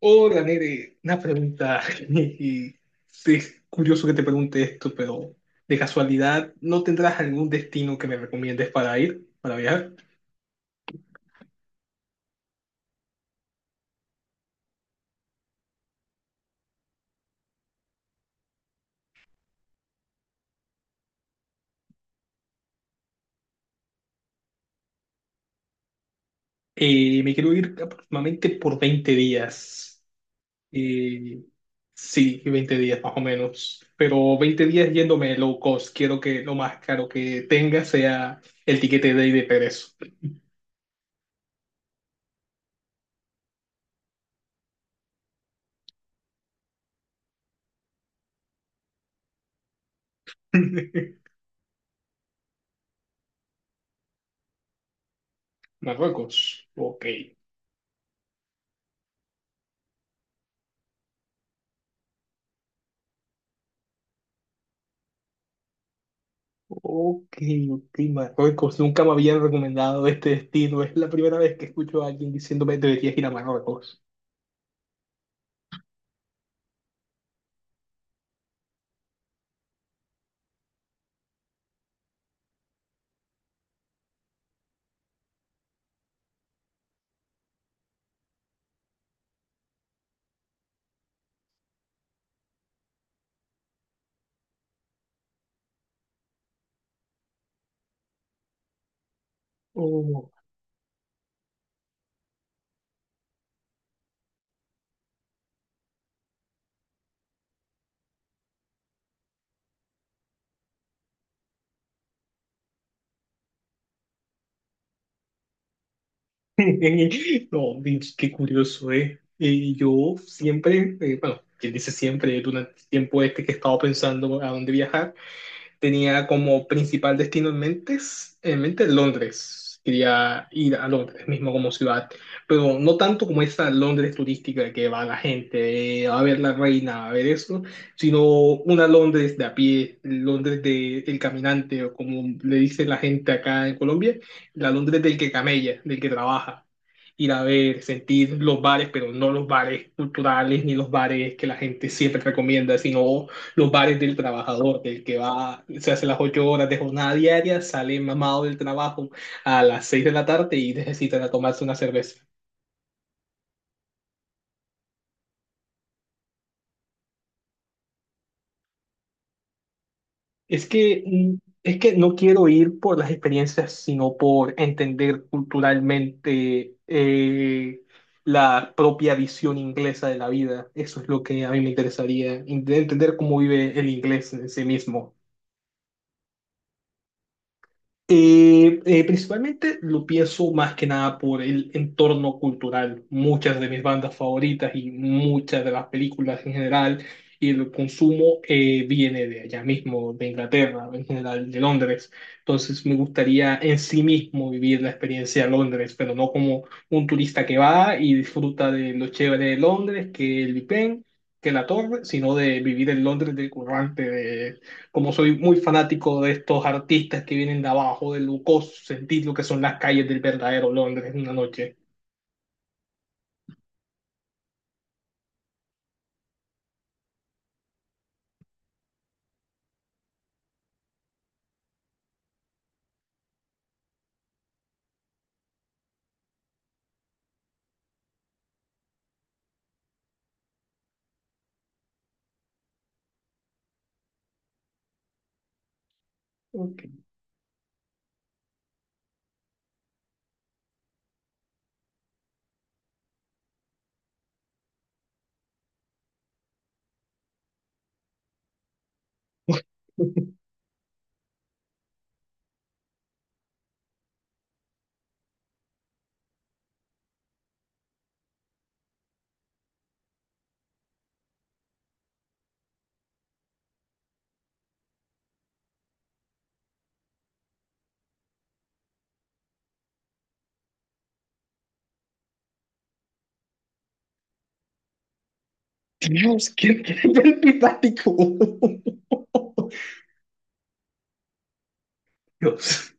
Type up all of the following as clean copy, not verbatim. Hola, Nere, una pregunta. Y sí, es curioso que te pregunte esto, pero de casualidad, ¿no tendrás algún destino que me recomiendes para ir, para viajar? Me quiero ir aproximadamente por 20 días. Eh, sí, 20 días más o menos. Pero 20 días yéndome low cost. Quiero que lo más caro que tenga sea el tiquete de ida y de regreso. Marruecos. Ok. Ok, ok, Marruecos. Nunca me habían recomendado este destino. Es la primera vez que escucho a alguien diciéndome deberías ir a Marruecos. Oh. No, Vince, qué curioso, ¿eh? Y yo siempre, bueno, quien dice siempre, durante el tiempo este que he estado pensando a dónde viajar. Tenía como principal destino en mente, en mente, Londres. Quería ir a Londres mismo como ciudad, pero no tanto como esa Londres turística que va la gente a ver la reina, a ver eso, sino una Londres de a pie, Londres de el caminante, o como le dice la gente acá en Colombia, la Londres del que camella, del que trabaja. Ir a ver, sentir los bares, pero no los bares culturales ni los bares que la gente siempre recomienda, sino los bares del trabajador, del que va, se hace las 8 horas de jornada diaria, sale mamado del trabajo a las 6 de la tarde y necesitan a tomarse una cerveza. Es que, mm, es que no quiero ir por las experiencias, sino por entender culturalmente la propia visión inglesa de la vida. Eso es lo que a mí me interesaría, entender cómo vive el inglés en sí mismo. Principalmente lo pienso más que nada por el entorno cultural. Muchas de mis bandas favoritas y muchas de las películas en general y el consumo viene de allá mismo, de Inglaterra, en general de Londres. Entonces me gustaría en sí mismo vivir la experiencia de Londres, pero no como un turista que va y disfruta de lo chévere de Londres, que el Big Ben, que la Torre, sino de vivir el Londres del currante como soy muy fanático de estos artistas que vienen de abajo, de Lucos, sentir lo que son las calles del verdadero Londres en una noche. Okay. Dios, qué, qué antipático. Dios,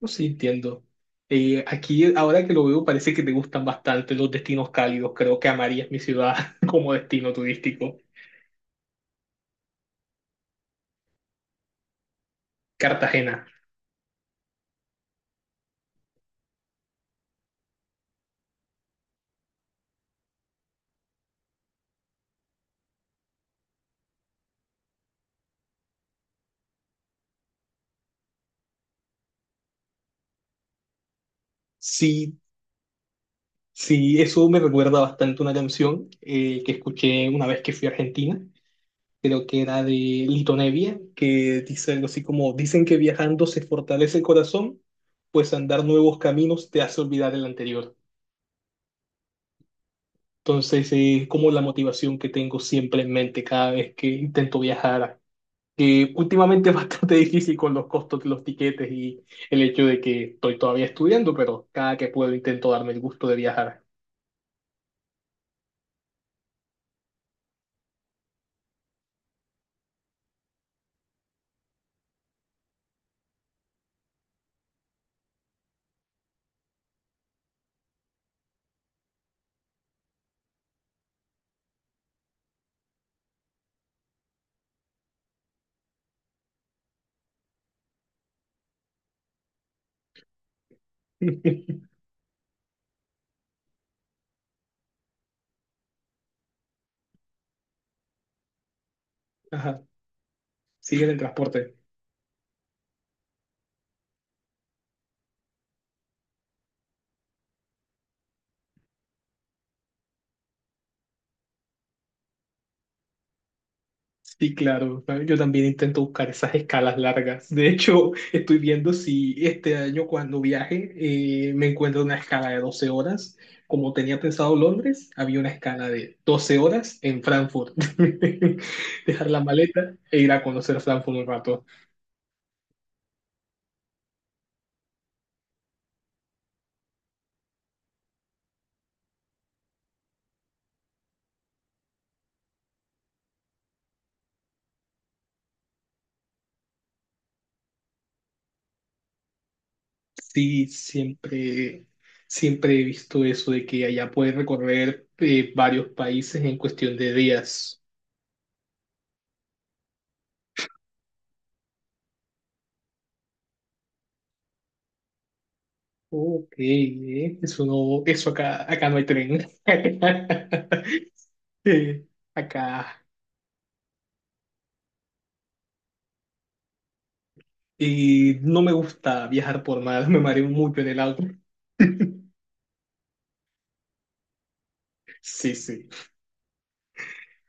no sé, entiendo. Aquí, ahora que lo veo, parece que te gustan bastante los destinos cálidos. Creo que amarías mi ciudad como destino turístico. Cartagena. Sí, sí, eso me recuerda bastante una canción que escuché una vez que fui a Argentina, creo que era de Lito Nevia, que dice algo así como, dicen que viajando se fortalece el corazón, pues andar nuevos caminos te hace olvidar el anterior. Entonces es como la motivación que tengo siempre en mente cada vez que intento viajar, que últimamente es bastante difícil con los costos de los tiquetes y el hecho de que estoy todavía estudiando, pero cada que puedo intento darme el gusto de viajar. Ajá, sigue en el transporte. Sí, claro, yo también intento buscar esas escalas largas. De hecho, estoy viendo si este año cuando viaje me encuentro una escala de 12 horas. Como tenía pensado Londres, había una escala de 12 horas en Frankfurt. Dejar la maleta e ir a conocer Frankfurt un rato. Sí, siempre, siempre he visto eso de que allá puedes recorrer varios países en cuestión de días. Ok, eso no, eso acá, acá no hay tren. Eh, acá. Y no me gusta viajar por mar, me mareo mucho en el auto. Sí, sí.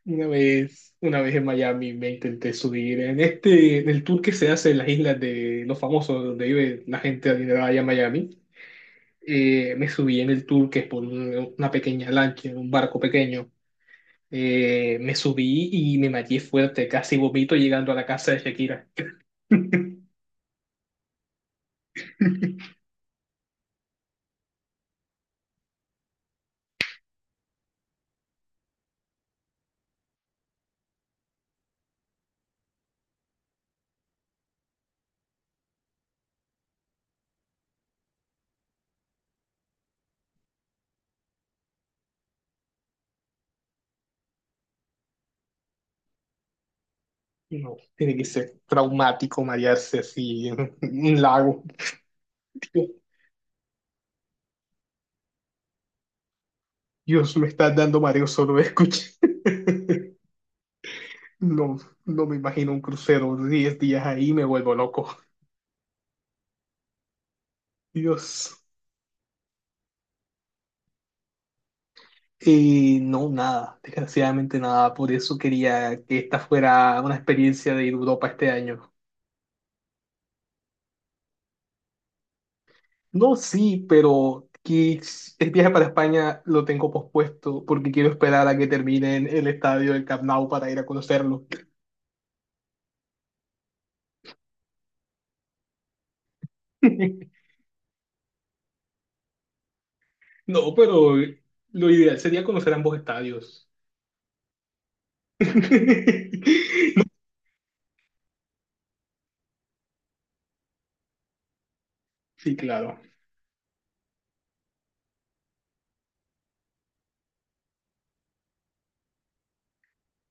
Una vez en Miami me intenté subir en este, en el tour que se hace en las islas de los famosos, donde vive la gente adinerada allá en Miami. Me subí en el tour que es por una pequeña lancha, en un barco pequeño. Me subí y me mareé fuerte, casi vomito llegando a la casa de Shakira. No, tiene que ser traumático marearse así en un lago, tío. Dios, me está dando mareo solo de escuchar. No, no me imagino un crucero 10 días ahí, me vuelvo loco. Dios. No, nada, desgraciadamente nada. Por eso quería que esta fuera una experiencia de ir a Europa este año. No, sí, pero que el viaje para España lo tengo pospuesto porque quiero esperar a que terminen el estadio del Camp Nou para ir a conocerlo. No, pero lo ideal sería conocer ambos estadios. No, sí, claro.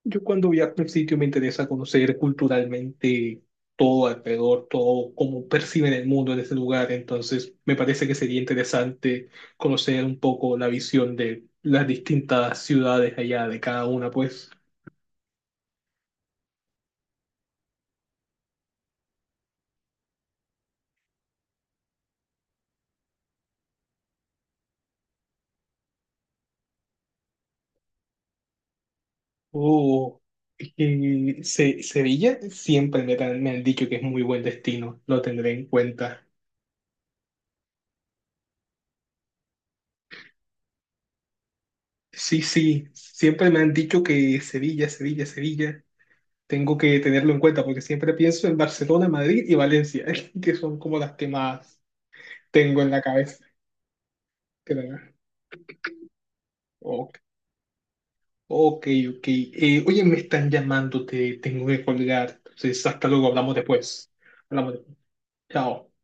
Yo cuando viajo a un sitio me interesa conocer culturalmente todo alrededor, todo cómo perciben el mundo en ese lugar. Entonces, me parece que sería interesante conocer un poco la visión de las distintas ciudades allá de cada una, pues. Oh, y Sevilla siempre me, me han dicho que es muy buen destino, lo tendré en cuenta. Sí, sí, siempre me han dicho que Sevilla, Sevilla, Sevilla. Tengo que tenerlo en cuenta porque siempre pienso en Barcelona, Madrid y Valencia, que son como las que más tengo en la cabeza. Pero, ok, ok. Oye, me están llamando, te tengo que colgar. Entonces, hasta luego, hablamos después. Hablamos después. Chao.